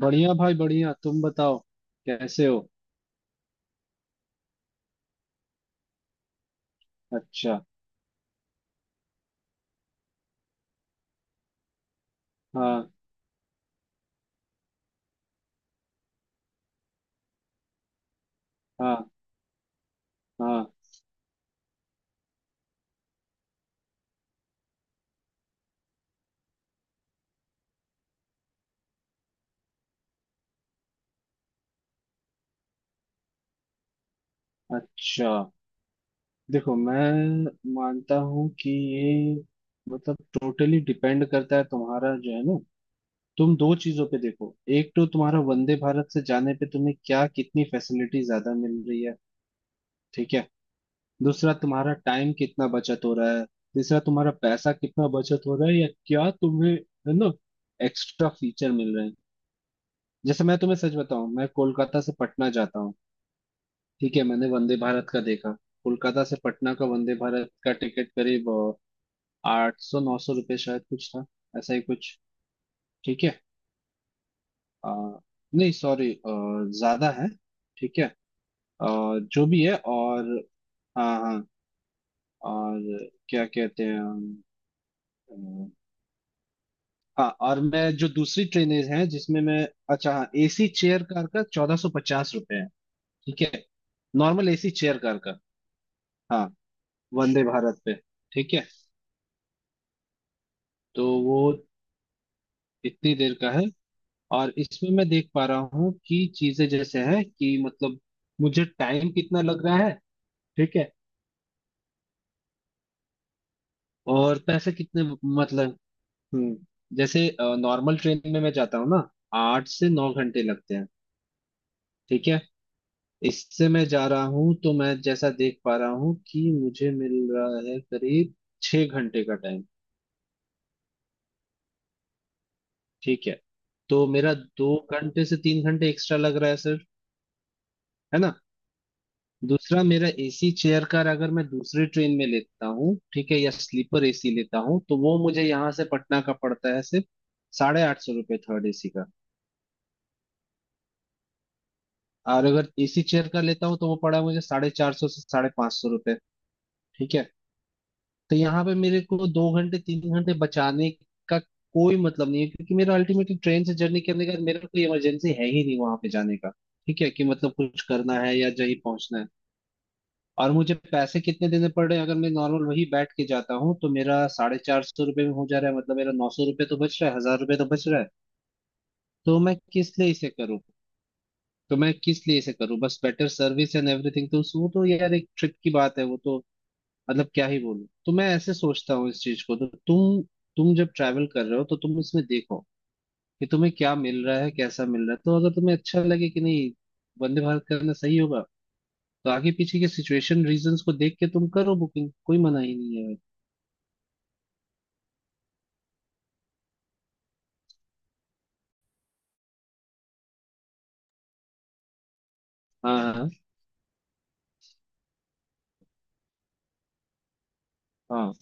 बढ़िया भाई बढ़िया। तुम बताओ कैसे हो। अच्छा हाँ हाँ हाँ अच्छा। देखो मैं मानता हूँ कि ये मतलब टोटली डिपेंड करता है तुम्हारा, जो है ना। तुम दो चीजों पे देखो, एक तो तुम्हारा वंदे भारत से जाने पे तुम्हें क्या कितनी फैसिलिटी ज्यादा मिल रही है। ठीक है। दूसरा तुम्हारा टाइम कितना बचत हो रहा है। तीसरा तुम्हारा पैसा कितना बचत हो रहा है, या क्या तुम्हें है ना एक्स्ट्रा फीचर मिल रहे हैं। जैसे मैं तुम्हें सच बताऊं, मैं कोलकाता से पटना जाता हूँ। ठीक है। मैंने वंदे भारत का देखा। कोलकाता से पटना का वंदे भारत का टिकट करीब 800/900 रुपये शायद कुछ था, ऐसा ही कुछ। ठीक है। अ, नहीं सॉरी, ज्यादा है। ठीक है। अ, जो भी है और हाँ हाँ। और क्या कहते हैं अ, हाँ, और मैं जो दूसरी ट्रेनें हैं जिसमें मैं, अच्छा हाँ एसी चेयर कार का 1450 रुपये है। ठीक है। नॉर्मल एसी चेयर कार का हाँ, वंदे भारत पे। ठीक है। तो वो इतनी देर का है। और इसमें मैं देख पा रहा हूँ कि चीजें जैसे है, कि मतलब मुझे टाइम कितना लग रहा है। ठीक है। और पैसे कितने, मतलब, हम्म जैसे नॉर्मल ट्रेन में मैं जाता हूँ ना, 8 से 9 घंटे लगते हैं। ठीक है। इससे मैं जा रहा हूँ तो मैं जैसा देख पा रहा हूँ कि मुझे मिल रहा है करीब 6 घंटे का टाइम। ठीक है। तो मेरा दो घंटे से तीन घंटे एक्स्ट्रा लग रहा है सर, है ना। दूसरा मेरा एसी चेयर का अगर मैं दूसरी ट्रेन में लेता हूँ, ठीक है, या स्लीपर एसी लेता हूँ, तो वो मुझे यहाँ से पटना का पड़ता है सिर्फ 850 रुपये, थर्ड एसी का। और अगर एसी चेयर का लेता हूँ तो वो पड़ा मुझे 450 से 550 रुपये। ठीक है। तो यहाँ पे मेरे को दो घंटे तीन घंटे बचाने का कोई मतलब नहीं है, क्योंकि मेरा अल्टीमेटली ट्रेन से जर्नी करने का मेरा कोई इमरजेंसी है ही नहीं वहां पे जाने का। ठीक है कि मतलब कुछ करना है या जल्दी पहुंचना है। और मुझे पैसे कितने देने पड़ रहे हैं, अगर मैं नॉर्मल वही बैठ के जाता हूँ तो मेरा साढ़े चार सौ रुपये में हो जा रहा है, मतलब मेरा 900 रुपये तो बच रहा है, 1000 रुपये तो बच रहा है। तो मैं किस लिए इसे करूँ। तो मैं किस लिए इसे करूँ, बस बेटर सर्विस एंड एवरीथिंग, तो वो तो यार एक ट्रिप की बात है, वो तो मतलब क्या ही बोलूं। तो मैं ऐसे सोचता हूँ इस चीज को। तो तुम जब ट्रैवल कर रहे हो तो तुम इसमें देखो कि तुम्हें क्या मिल रहा है, कैसा मिल रहा है, तो अगर तुम्हें अच्छा लगे कि नहीं वंदे भारत करना सही होगा, तो आगे पीछे के सिचुएशन रीजंस को देख के तुम करो बुकिंग, कोई मना ही नहीं है। हाँ हाँ हाँ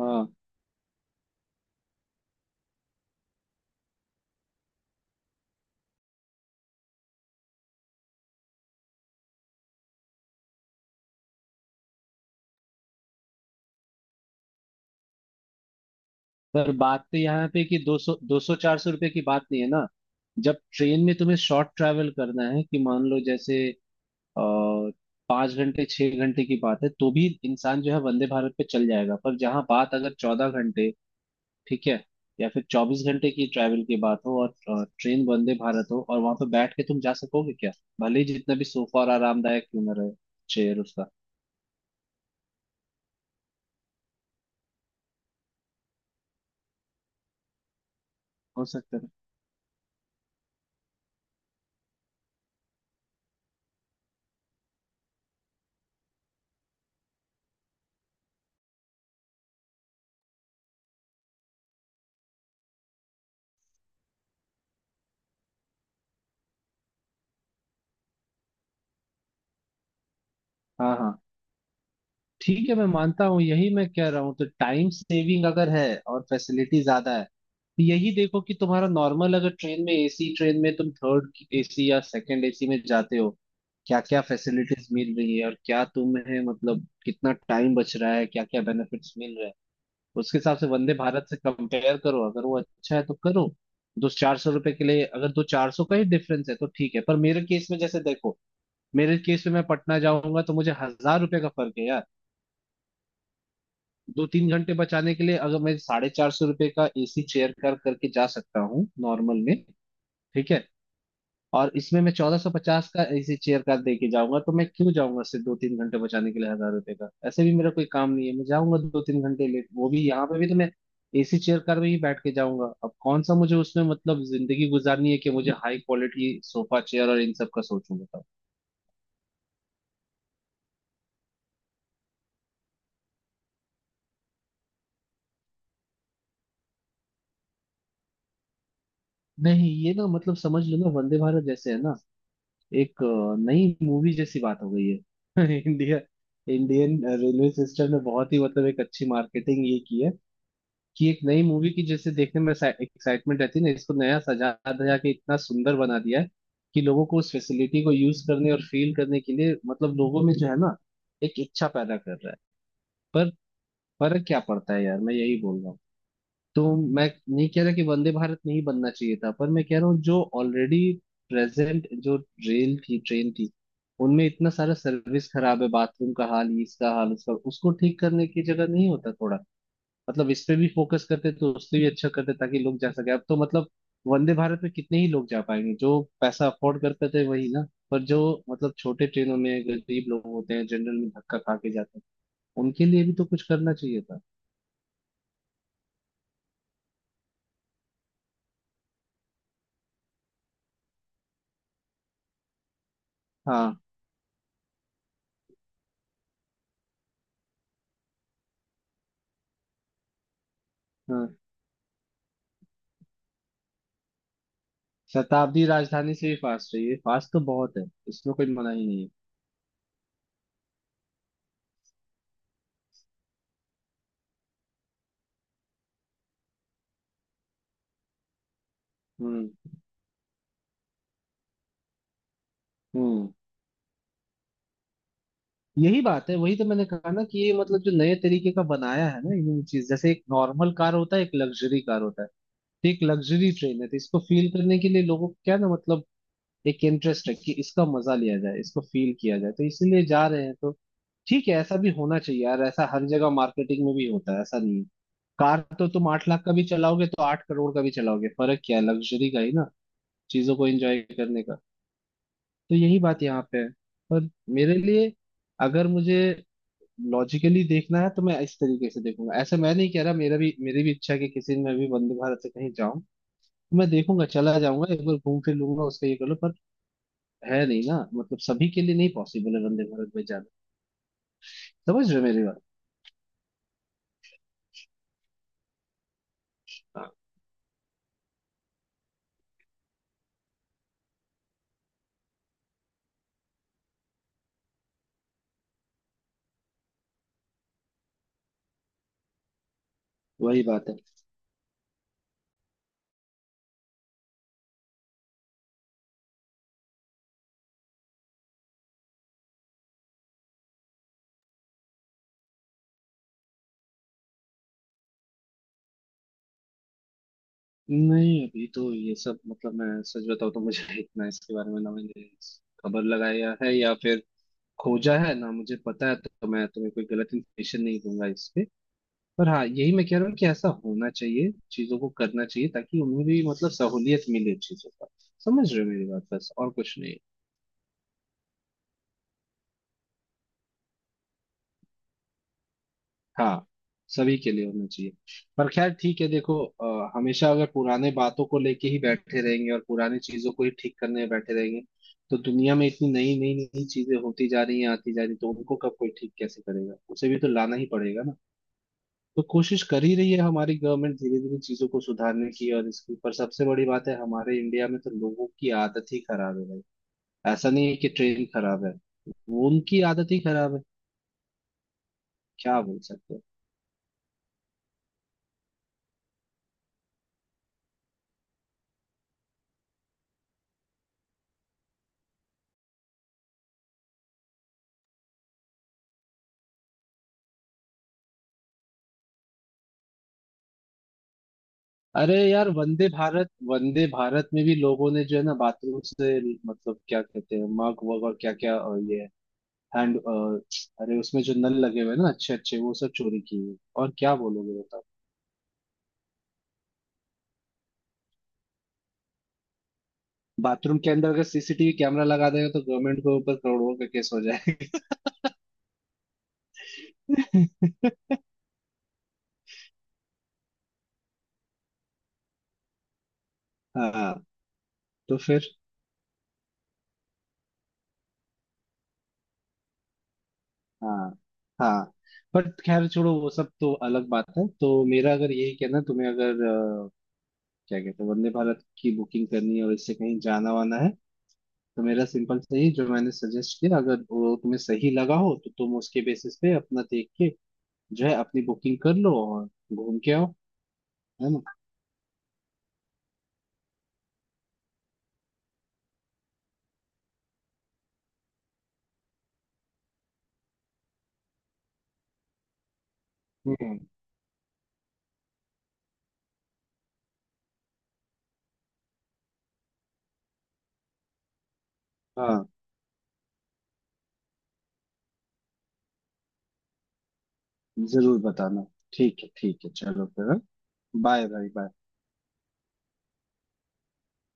हाँ हाँ। पर बात तो यहाँ पे कि दो सौ चार सौ रुपये की बात नहीं है ना। जब ट्रेन में तुम्हें शॉर्ट ट्रैवल करना है, कि मान लो जैसे अ, 5 घंटे 6 घंटे की बात है तो भी इंसान जो है वंदे भारत पे चल जाएगा। पर जहाँ बात अगर 14 घंटे, ठीक है, या फिर 24 घंटे की ट्रैवल की बात हो, और ट्रेन वंदे भारत हो, और वहां पे बैठ के तुम जा सकोगे क्या, भले ही जितना भी सोफा और आरामदायक क्यों ना रहे चेयर उसका। हो सकता है। हाँ हाँ। ठीक है मैं मानता हूँ, यही मैं कह रहा हूँ। तो टाइम सेविंग अगर है और फैसिलिटी ज्यादा है, तो यही देखो कि तुम्हारा नॉर्मल अगर ट्रेन में, एसी ट्रेन में तुम थर्ड एसी या सेकंड एसी में जाते हो, क्या क्या फैसिलिटीज मिल रही है, और क्या तुम्हें मतलब कितना टाइम बच रहा है, क्या क्या बेनिफिट्स मिल रहे हैं, उसके हिसाब से वंदे भारत से कंपेयर करो। अगर वो अच्छा है तो करो। दो चार सौ रुपए के लिए, अगर दो चार सौ का ही डिफरेंस है तो ठीक है। पर मेरे केस में जैसे देखो, मेरे केस में मैं पटना जाऊंगा तो मुझे 1000 रुपए का फर्क है यार। दो तीन घंटे बचाने के लिए अगर मैं 450 रुपये का एसी चेयर कार करके जा सकता हूँ नॉर्मल में, ठीक है, और इसमें मैं 1450 का एसी चेयर कार दे के जाऊंगा, तो मैं क्यों जाऊंगा सिर्फ दो तीन घंटे बचाने के लिए, 1000 रुपए का ऐसे भी मेरा कोई काम नहीं है। मैं जाऊंगा दो तीन घंटे लेट, वो भी यहाँ पे भी तो मैं एसी चेयर कार में ही बैठ के जाऊंगा। अब कौन सा मुझे उसमें मतलब जिंदगी गुजारनी है, कि मुझे हाई क्वालिटी सोफा चेयर और इन सब का सोचूं, बताओ। नहीं ये ना मतलब समझ लो ना, वंदे भारत जैसे है ना एक नई मूवी जैसी बात हो गई है। इंडिया, इंडियन रेलवे सिस्टम ने बहुत ही मतलब एक अच्छी मार्केटिंग ये की है, कि एक नई मूवी की जैसे देखने में एक्साइटमेंट रहती है ना, इसको नया सजा धजा के इतना सुंदर बना दिया है कि लोगों को उस फैसिलिटी को यूज करने और फील करने के लिए मतलब लोगों में जो है ना एक इच्छा पैदा कर रहा है। पर फर्क क्या पड़ता है यार, मैं यही बोल रहा हूँ। तो मैं नहीं कह रहा कि वंदे भारत नहीं बनना चाहिए था, पर मैं कह रहा हूँ जो ऑलरेडी प्रेजेंट जो रेल थी, ट्रेन थी, उनमें इतना सारा सर्विस खराब है, बाथरूम का हाल, ये इसका हाल उसका, उसको ठीक करने की जगह नहीं होता थोड़ा मतलब इस पे भी फोकस करते तो उससे भी अच्छा करते, ताकि लोग जा सके। अब तो मतलब वंदे भारत में कितने ही लोग जा पाएंगे, जो पैसा अफोर्ड कर पाते वही ना। पर जो मतलब छोटे ट्रेनों में गरीब लोग होते हैं, जनरल में धक्का खा के जाते हैं, उनके लिए भी तो कुछ करना चाहिए था। हाँ हाँ। शताब्दी राजधानी से भी फास्ट है, ये फास्ट तो बहुत है, इसमें कोई मना ही नहीं है। हम्म हम्म। यही बात है, वही तो मैंने कहा ना कि ये मतलब जो नए तरीके का बनाया है ना इन्होंने, चीज जैसे एक नॉर्मल कार होता है, एक लग्जरी कार होता है, तो एक लग्जरी ट्रेन है, तो इसको फील करने के लिए लोगों को क्या ना मतलब एक इंटरेस्ट है, कि इसका मजा लिया जाए, इसको फील किया जाए, तो इसीलिए जा रहे हैं। तो ठीक है, ऐसा भी होना चाहिए यार, ऐसा हर जगह मार्केटिंग में भी होता है, ऐसा नहीं है। कार तो तुम आठ लाख का भी चलाओगे तो आठ करोड़ का भी चलाओगे, फर्क क्या है, लग्जरी का ही ना। चीजों को एंजॉय करने का। तो यही बात यहाँ पे है। पर मेरे लिए, अगर मुझे लॉजिकली देखना है तो मैं इस तरीके से देखूंगा। ऐसा मैं नहीं कह रहा, मेरा भी, मेरी भी इच्छा है कि किसी दिन मैं भी वंदे भारत से कहीं जाऊं, तो मैं देखूंगा, चला जाऊंगा एक बार, घूम फिर लूंगा उसका, ये कर लो। पर है नहीं ना, मतलब सभी के लिए नहीं पॉसिबल है वंदे भारत में जाना। समझ रहे हो मेरी बात। हाँ वही बात है। नहीं अभी तो ये सब मतलब मैं सच बताऊं तो मुझे इतना इसके बारे में ना मैंने खबर लगाया है या फिर खोजा है ना मुझे पता है, तो मैं तुम्हें कोई गलत इन्फॉर्मेशन नहीं दूंगा इस पे। पर हाँ, यही मैं कह रहा हूँ कि ऐसा होना चाहिए, चीजों को करना चाहिए, ताकि उन्हें भी मतलब सहूलियत मिले चीजों का। समझ रहे हो मेरी बात, बस और कुछ नहीं। हाँ, सभी के लिए होना चाहिए। पर खैर ठीक है देखो, हमेशा अगर पुराने बातों को लेके ही बैठे रहेंगे और पुरानी चीजों को ही ठीक करने में बैठे रहेंगे, तो दुनिया में इतनी नई नई नई चीजें होती जा रही हैं, आती जा रही हैं, तो उनको कब कोई ठीक कैसे करेगा, उसे भी तो लाना ही पड़ेगा ना। तो कोशिश कर ही रही है हमारी गवर्नमेंट धीरे धीरे चीजों को सुधारने की और इसकी। पर सबसे बड़ी बात है, हमारे इंडिया में तो लोगों की आदत ही खराब है भाई। ऐसा नहीं है कि ट्रेन खराब है, वो उनकी आदत ही खराब है, क्या बोल सकते हैं। अरे यार वंदे भारत, वंदे भारत में भी लोगों ने जो है ना बाथरूम से, मतलब क्या कहते हैं, मग वग और क्या क्या, ये हैंड, अरे उसमें जो नल लगे हुए हैं ना अच्छे अच्छे, वो सब चोरी किए हैं। और क्या बोलोगे बताओ। बाथरूम के अंदर अगर सीसीटीवी कैमरा लगा देगा तो गवर्नमेंट के ऊपर करोड़ों का केस हो जाएगा। हाँ। तो फिर हाँ हाँ, बट खैर छोड़ो, वो सब तो अलग बात है। तो मेरा अगर यही कहना है, तुम्हें अगर अ, क्या कहते हैं वंदे भारत की बुकिंग करनी है और इससे कहीं जाना वाना है, तो मेरा सिंपल से ही जो मैंने सजेस्ट किया, अगर वो तुम्हें सही लगा हो तो तुम उसके बेसिस पे अपना देख के जो है अपनी बुकिंग कर लो और घूम के आओ। है ना। हम्म हाँ, जरूर बताना। ठीक है ठीक है, चलो फिर। बाय भाई बाय।